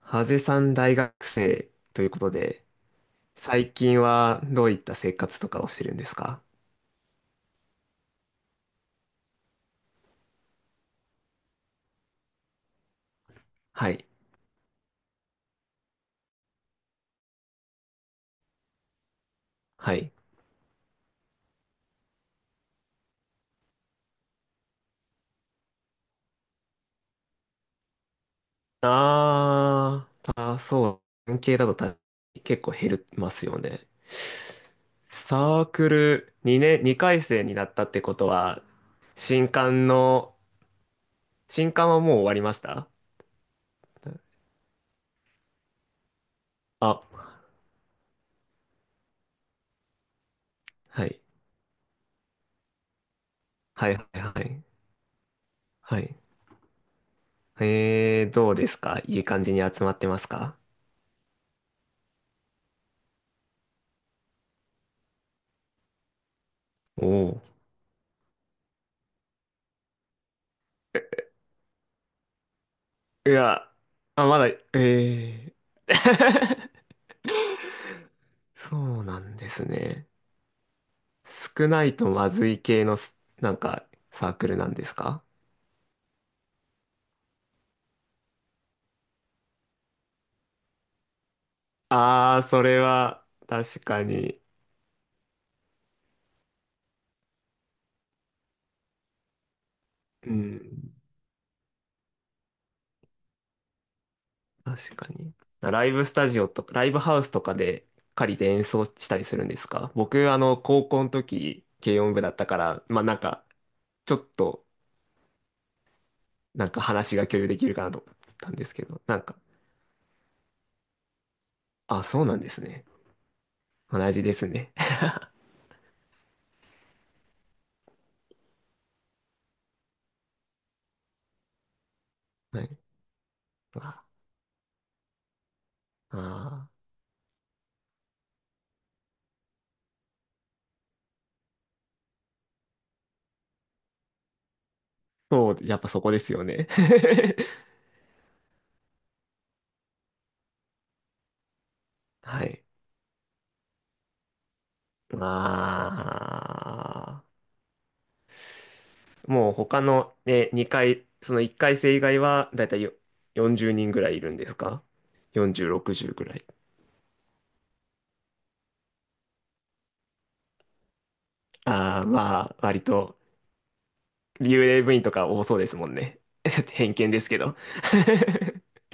ハゼさん大学生ということで、最近はどういった生活とかをしてるんですか？はい。はい。あー、あ、そう。文系だと結構減りますよね。サークル2年、2回生になったってことは、新刊の、新刊はもう終わりました？あ、はい。はいはいはい。はい。どうですか、いい感じに集まってますか？おおー。いや、あ、まだ、ええ。 そうなんですね。少ないとまずい系のなんか、サークルなんですか？ああー、それは、確かに。うん、確かに。ライブスタジオとか、ライブハウスとかで借りて演奏したりするんですか？僕、高校の時、軽音部だったから、まあなんか、ちょっと、なんか話が共有できるかなと思ったんですけど、なんか。あ、そうなんですね。同じですね。ああー、そう、やっぱそこですよね。はい。まあ、もう他の、ね、2回、その1回生以外は、だいたい40人ぐらいいるんですか？ 40、60ぐらい。ああ、まあ、割と、幽霊部員とか多そうですもんね。ちょっと偏見ですけど。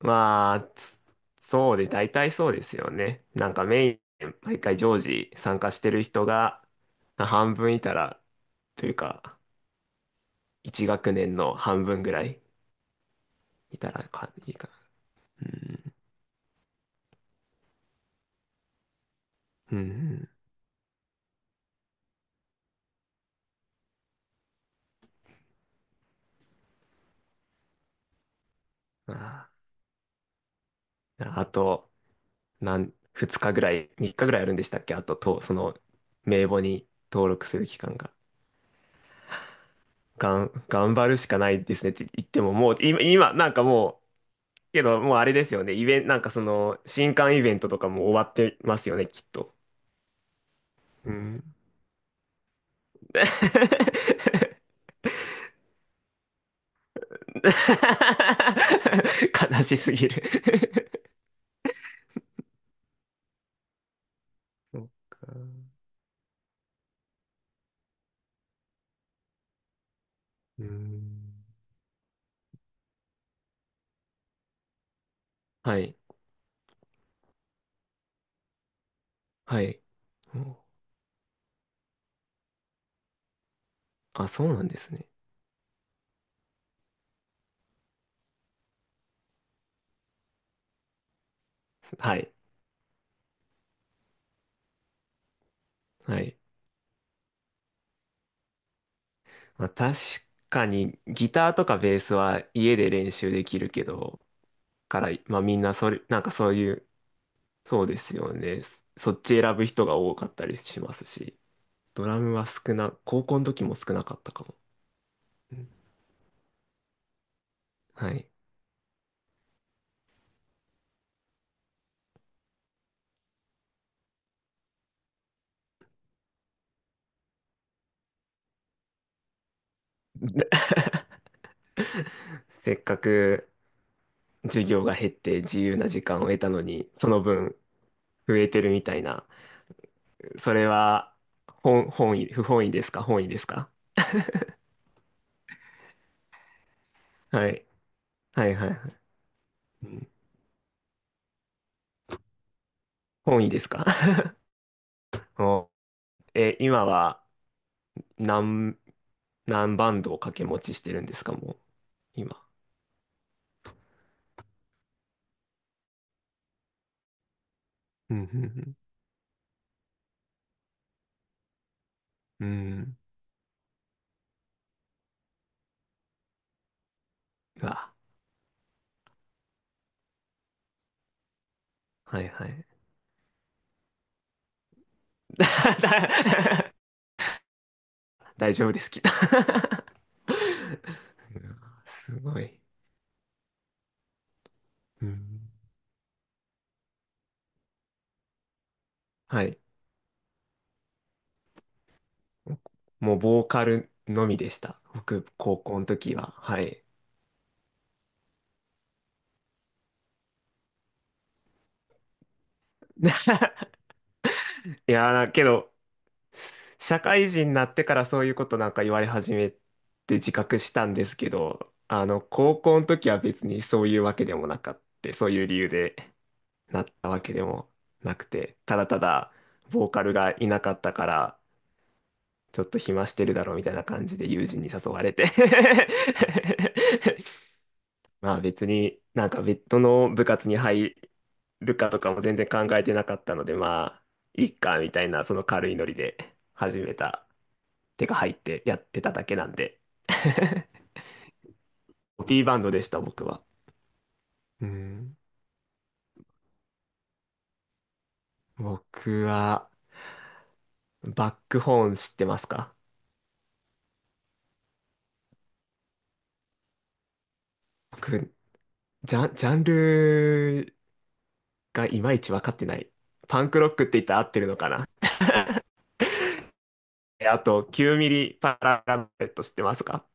まあ、そうで、大体そうですよね。なんかメイン、毎回常時参加してる人が、半分いたら、というか、一学年の半分ぐらいいたらか、いいかな。うん。うんうん。ああ、あと、二日ぐらい、三日ぐらいあるんでしたっけ？あと、名簿に登録する期間が。頑張るしかないですねって言っても、もう、今、なんかもう、けど、もうあれですよね。イベント、なんかその、新刊イベントとかも終わってますよね、きっと。うん。悲しすぎる。 そっか。うんはい。はい。うんあ、そうなんですね。はい。はい。まあ、確かにギターとかベースは家で練習できるけど、から、まあみんなそれ、なんかそういう、そうですよね。そっち選ぶ人が多かったりしますし、ドラムは高校の時も少なかったかも。うんはい。せっかく授業が減って自由な時間を得たのに、その分増えてるみたいな。それは本意、不本意ですか？本意ですか？はい。はいはいはい。うん本意ですか？ お、今は何、何バンドを掛け持ちしてるんですか、もう、今。うん、うん、うん。うんうわ、はいはい。大丈夫です、きっと。 うわすごい。うん。はい。もう、ボーカルのみでした。僕、高校の時は。はい。いやー、けど、社会人になってからそういうことなんか言われ始めて自覚したんですけど、高校の時は別にそういうわけでもなかって、そういう理由でなったわけでもなくて、ただただボーカルがいなかったから、ちょっと暇してるだろうみたいな感じで友人に誘われて。 まあ別になんか別途の部活に入るかとかも全然考えてなかったので、まあ、いっかみたいなその軽いノリで始めた手が入ってやってただけなんで。コピーバンドでした、僕は。うん。僕は、バックホーン知ってますか？僕、ジャンルがいまいち分かってない。パンクロックって言ったら合ってるのかな？ あと、9ミリパララベット知ってますか？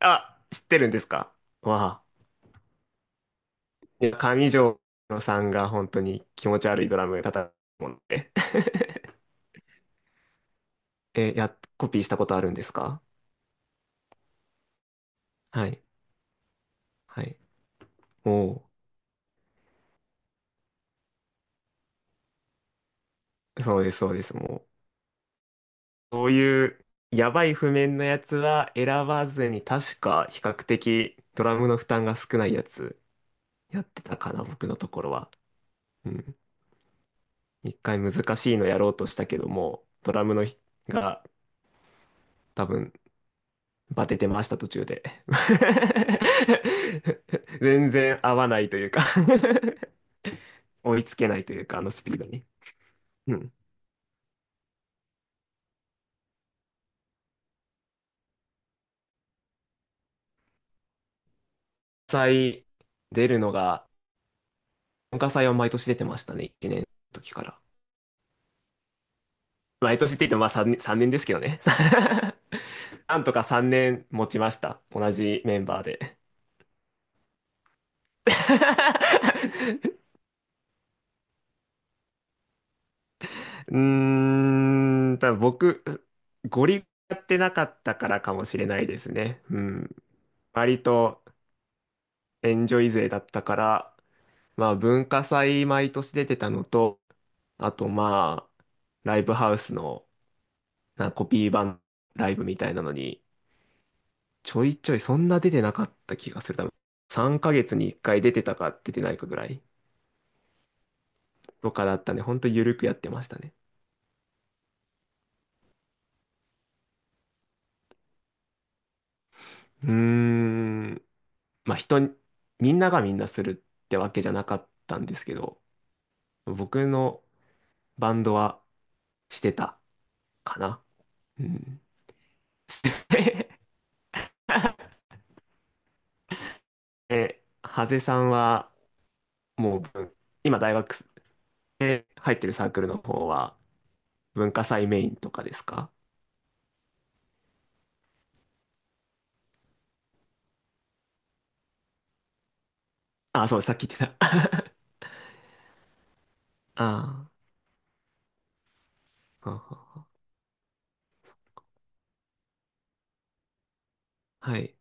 あ、知ってるんですか？わあ。いや、上条さんが本当に気持ち悪いドラム叩くもんで。え、や、コピーしたことあるんですか？はい。はい。おお。そうです、そうです、もう。そういうやばい譜面のやつは選ばずに、確か比較的ドラムの負担が少ないやつやってたかな、僕のところは。うん。一回難しいのやろうとしたけども、ドラムのひが多分バテてました途中で。全然合わないというか、 追いつけないというか、あのスピードに。うん。祭出るのが、文化祭は毎年出てましたね、1年の時から。毎年って言ってもまあ3年ですけどね。なんとか3年持ちました。同じメンバーで。うーん、多分僕、ゴリやってなかったからかもしれないですね。うん。割とエンジョイ勢だったから、まあ文化祭毎年出てたのと、あとまあ、ライブハウスのなんかコピー版ライブみたいなのにちょいちょいそんな出てなかった気がする。多分3ヶ月に1回出てたか出てないかぐらいとかだったね。ほんとゆるくやってましたね。うーん。まあみんながみんなするってわけじゃなかったんですけど、僕のバンドはしてたかな。うん。ハゼさんはもう今大学で入ってるサークルの方は文化祭メインとかですか？あ、そう、さっき言ってた。ああ、はんはんはい。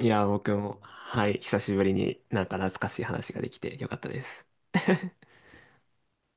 いや、僕も、はい、久しぶりになんか懐かしい話ができてよかったです。